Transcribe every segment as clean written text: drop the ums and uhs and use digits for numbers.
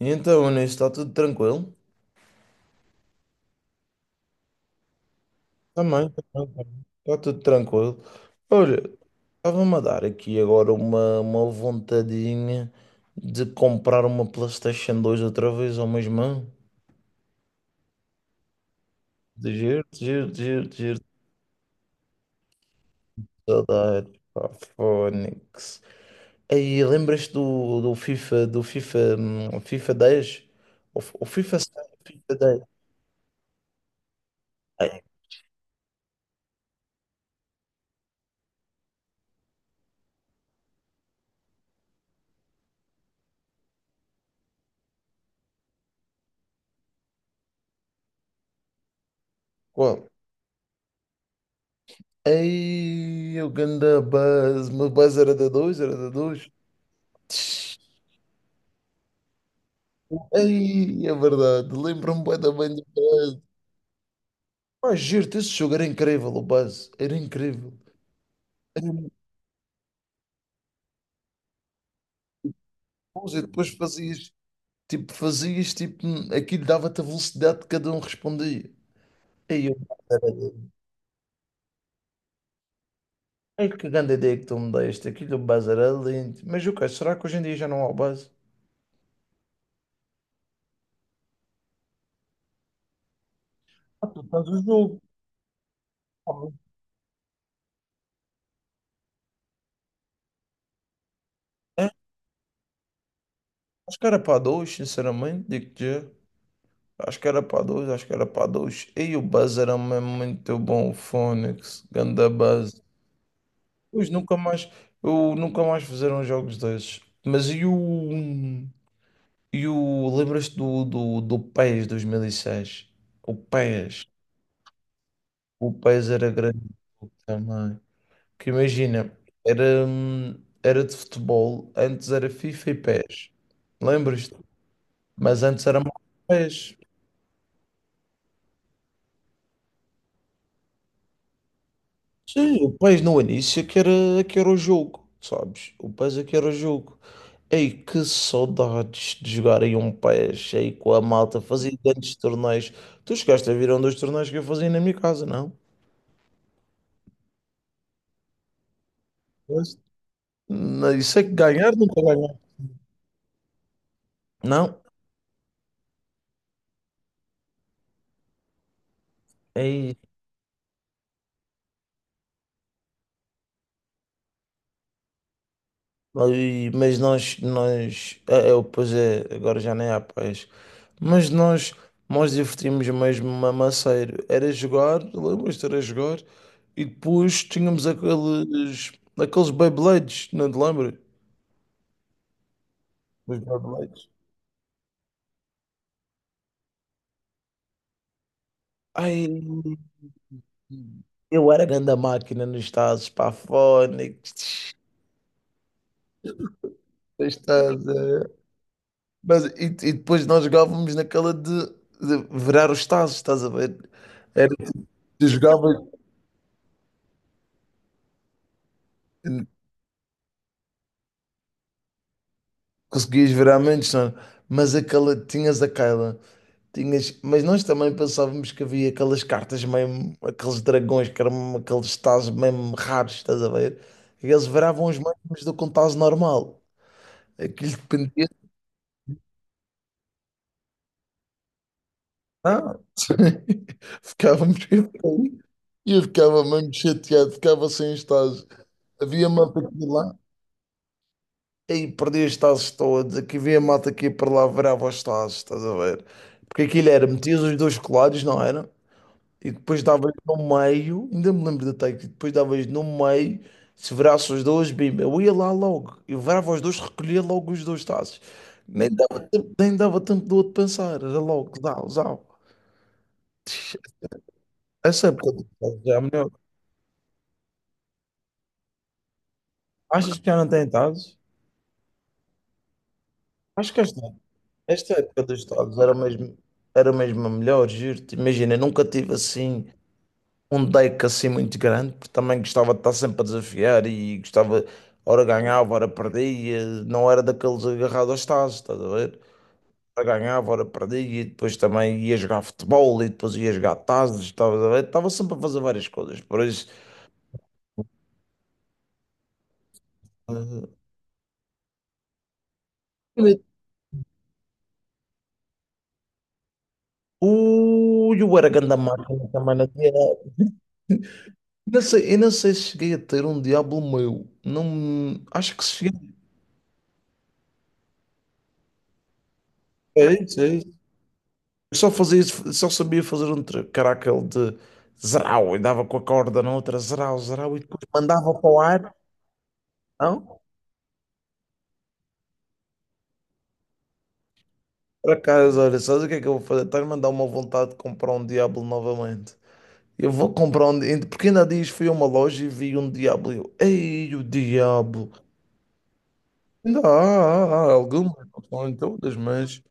E então, Anís, está tudo tranquilo? Também, também, também. Está tudo tranquilo. Olha, estava-me a dar aqui agora uma vontadinha de comprar uma PlayStation 2 outra vez ao meu irmão. De giro, de giro, de giro, de giro. Saudades, pá, Fónix. Aí, lembras-te do FIFA, FIFA 10. O FIFA 7, FIFA 10. Ai, qual? Ei, o ganda buzz. Mas buzz era da dois. Ei, é verdade. Lembro-me bué da bem do Buzz. Pá, giro, esse jogo era incrível, o Buzz. Era incrível. Era muito bom. E depois fazias, tipo, aquilo dava-te a velocidade que cada um respondia. Ei, eu, ei, que grande ideia que tu me deste. Aquilo do Buzz era lindo. Mas o que será que hoje em dia já não há o Buzz? Ah, tu tens o jogo. Ah, é? Acho que era para dois, sinceramente, digo-te já. Acho que era para dois, acho que era para dois. E o Buzz era mesmo muito bom, o Fónix, ganda Buzz. Pois nunca mais, eu nunca mais fizeram jogos desses. Mas e o lembras-te do PES 2006? O PES, o PES era grande também. Que imagina, era hum, era de futebol, antes era FIFA e PES. Lembras-te? Mas antes era mais PES. Sim, o PES no início é que era o jogo, sabes? O PES é que era o jogo. Ei, que saudades de jogar em um PES, aí com a malta, fazia grandes torneios. Tu chegaste a vir a um dos torneios que eu fazia na minha casa, não? Mas, não, isso é que ganhar, nunca ganhar. Não? Mas, mas nós, é, pois é, agora já nem há paz. Mas nós divertimos mesmo mamaceiro. Era jogar, lembras-te, era jogar, e depois tínhamos aqueles Beyblades, não te lembras? Os Beyblades. Ai, eu era grande máquina nos Estados Pafónicos. Estás a ver? Mas, e depois nós jogávamos naquela de virar os tazos, estás a ver? Era, tu jogavas. Conseguias ver à menos, não é? Mas aquela, tinhas a Kyla, mas nós também pensávamos que havia aquelas cartas mesmo, aqueles dragões que eram aqueles tazos mesmo raros, estás a ver? E eles viravam os mesmos do que um tazo normal. Aquilo dependia. Ah, ficávamos. E eu ficava mesmo chateado, ficava sem os tazos. Havia malta aqui lá, aí perdi os tazos todos. Aqui havia malta aqui para lá, virava os tazos, estás a ver? Porque aquilo era, metias os dois colados, não era? E depois davas no meio, ainda me lembro da take, depois davas no meio, se virasse os dois, bimba, eu ia lá logo, eu virava os dois, recolhia logo os dois taços. Nem dava tempo, nem dava tempo do outro pensar, era logo, dá, usava. Essa época dos tazos é a melhor. Achas que já não tem tazos? Acho que esta época dos tazos era mesmo a melhor, juro-te. Imagina, eu nunca tive assim, um deck assim muito grande, porque também gostava de estar sempre a desafiar e gostava, ora ganhava, ora perdia, não era daqueles agarrados aos tazos, estás a ver? Ora ganhava, ora perdia, e depois também ia jogar futebol e depois ia jogar tazos, estavas a ver? Estava sempre a fazer várias coisas, por isso. eh, Ui, eu era grande máquina também, Eu não sei se cheguei a ter um Diablo meu. Não, acho que cheguei. É isso, Eu só fazia, só sabia fazer um caracal de zerau e dava com a corda na outra zerau, zerau e depois mandava para o ar. Não? Para casa, olha, sabes o que é que eu vou fazer? Estás-me a dar uma vontade de comprar um Diablo novamente. Eu vou comprar um. Porque ainda há dias fui a uma loja e vi um Diablo. E eu, ei, o Diablo! Ainda há algumas, não são em todas, mas...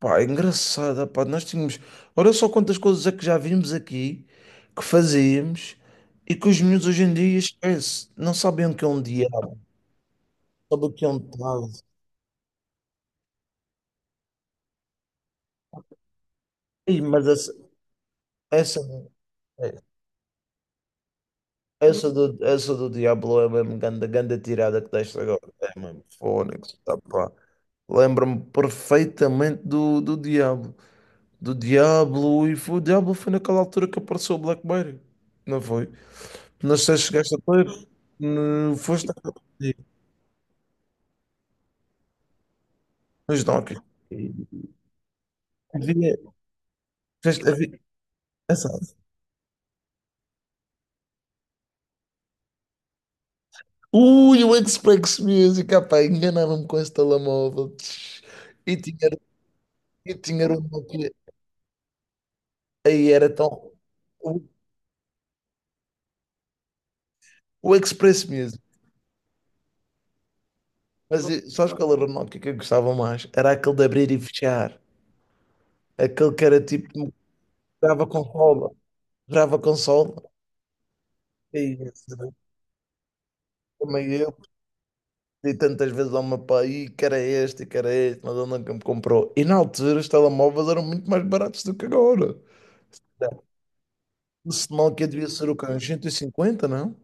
Pá, é engraçada, pá, nós tínhamos. Olha só quantas coisas é que já vimos aqui, que fazíamos e que os miúdos hoje em dia esquece. Não sabem o que é um diabo, sabem o que é um tarde. Ei, mas essa, essa do Diablo é mesmo ganda, ganda tirada que deste agora. É mesmo fónix, tá, pá. Lembro-me perfeitamente do Diablo. Do Diablo, o Diablo foi naquela altura que apareceu o Blackberry, não foi? Não sei se chegaste a ter, no- foste a- nos Dockers. Havia, havia, é só- Ui, o Xbox Music, ah pá, enganaram-me com esse telemóvel. Tch. E tinha, e tinha um Nokia, aí era tão. O, o Express Music. Sabes qual era o Nokia que eu gostava mais? Era aquele de abrir e fechar. Aquele que era tipo, grava consola. Grava consola. E, esse, também eu, dei tantas vezes ao meu pai, "Ih, que era este, que era este", mas ele nunca me comprou. E na altura os telemóveis eram muito mais baratos do que agora. O sinal que devia ser o quê? Uns 150, não?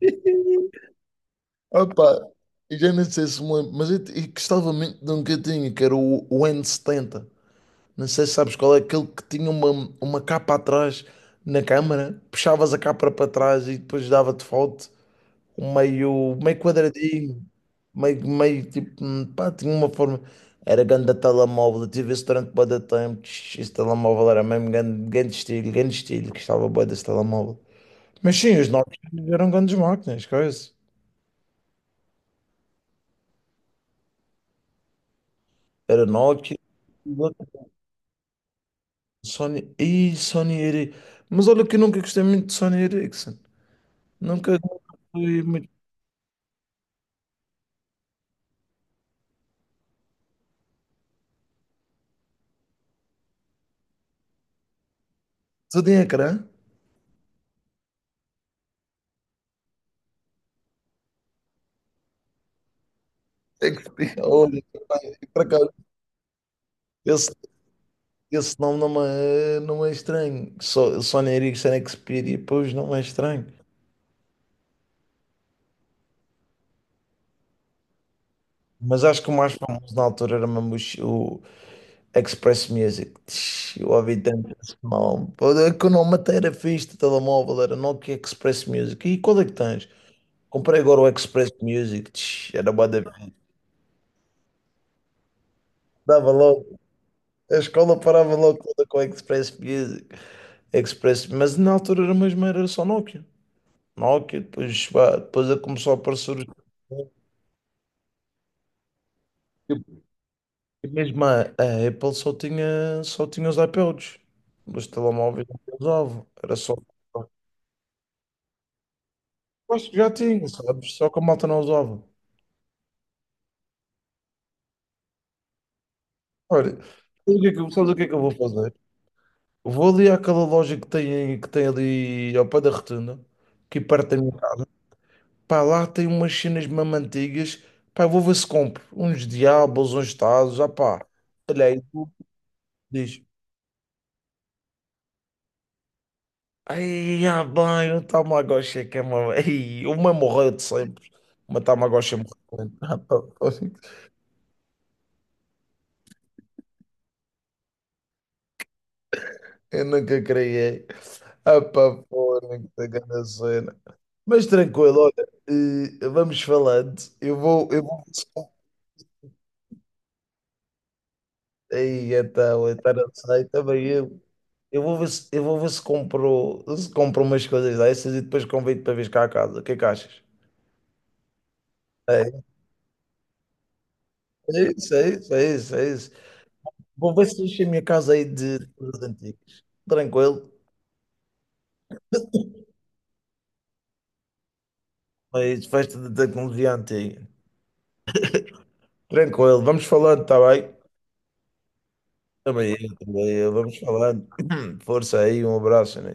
Opa, eu já nem sei se me lembro, mas eu gostava muito de um que eu tinha, que era o N70. Não sei se sabes qual é, aquele que tinha uma capa atrás na câmara, puxavas a capa para trás e depois dava-te foto. Meio quadradinho, meio tipo, pá, tinha uma forma. Era grande telemóvel, eu tive esse durante bué de tempo. Tch, esse telemóvel era mesmo grande, grande estilo, gostava bué desse telemóvel. Mas sim, os Nokia eram grandes máquinas, coisa. Era Nokia, Sony, e Sony Ericsson. Mas olha que eu nunca gostei muito de Sony Ericsson. Nunca nunca fui muito. Só tinha ecrã. É que- Olha, para cá, esse Esse nome não é estranho. Só, Sony Ericsson Xperia, pois não é estranho. Mas acho que o mais famoso na altura era mesmo o Express Music. Tch, eu ouvi tanto esse nome. Pô, é que o nome até era fixe de telemóvel, era Nokia Express Music. E qual é que tens? Comprei agora o Express Music. Tch, era bué da... fixe. Dava logo. A escola parava logo toda com o Express Music. Express... Mas na altura era mesmo, era só Nokia. Nokia, depois, pá, depois começou a aparecer os. E mesmo a Apple só tinha os iPods. Os telemóveis não usavam. Era só. Acho que já tinha, sabes? Só que a malta não usava. Olha, sabes o que é que eu vou fazer? Vou ali àquela loja que tem ali ao pé da Rotunda, que perto da minha casa. Pá, lá tem umas cenas mesmo antigas. Pá, eu vou ver se compro. Uns diabos, uns tazos. Ah, pá, olha aí, tu diz. Ai, ah, bem, o Tamagotchi é que é uma... Ai, uma morreu de sempre. Uma Tamagotchi morreu. Ah, pá, fónix. Eu nunca criei. Ah, pá, fónix, a grande cena. Mas tranquilo, olha, vamos falando. Eu vou... ver se- Ai, então não sei, também eu. Eu vou ver se compro, se compro umas coisas dessas e depois convido para vir cá a casa. O que é que achas? É isso, é isso, é isso, é isso. Vou ver se deixei a minha casa aí de coisas antigas. Tranquilo. Mas festa de tecnologia antiga. Tranquilo. Vamos falando, está bem? Também eu, também eu. Vamos falando. Força aí, um abraço, né?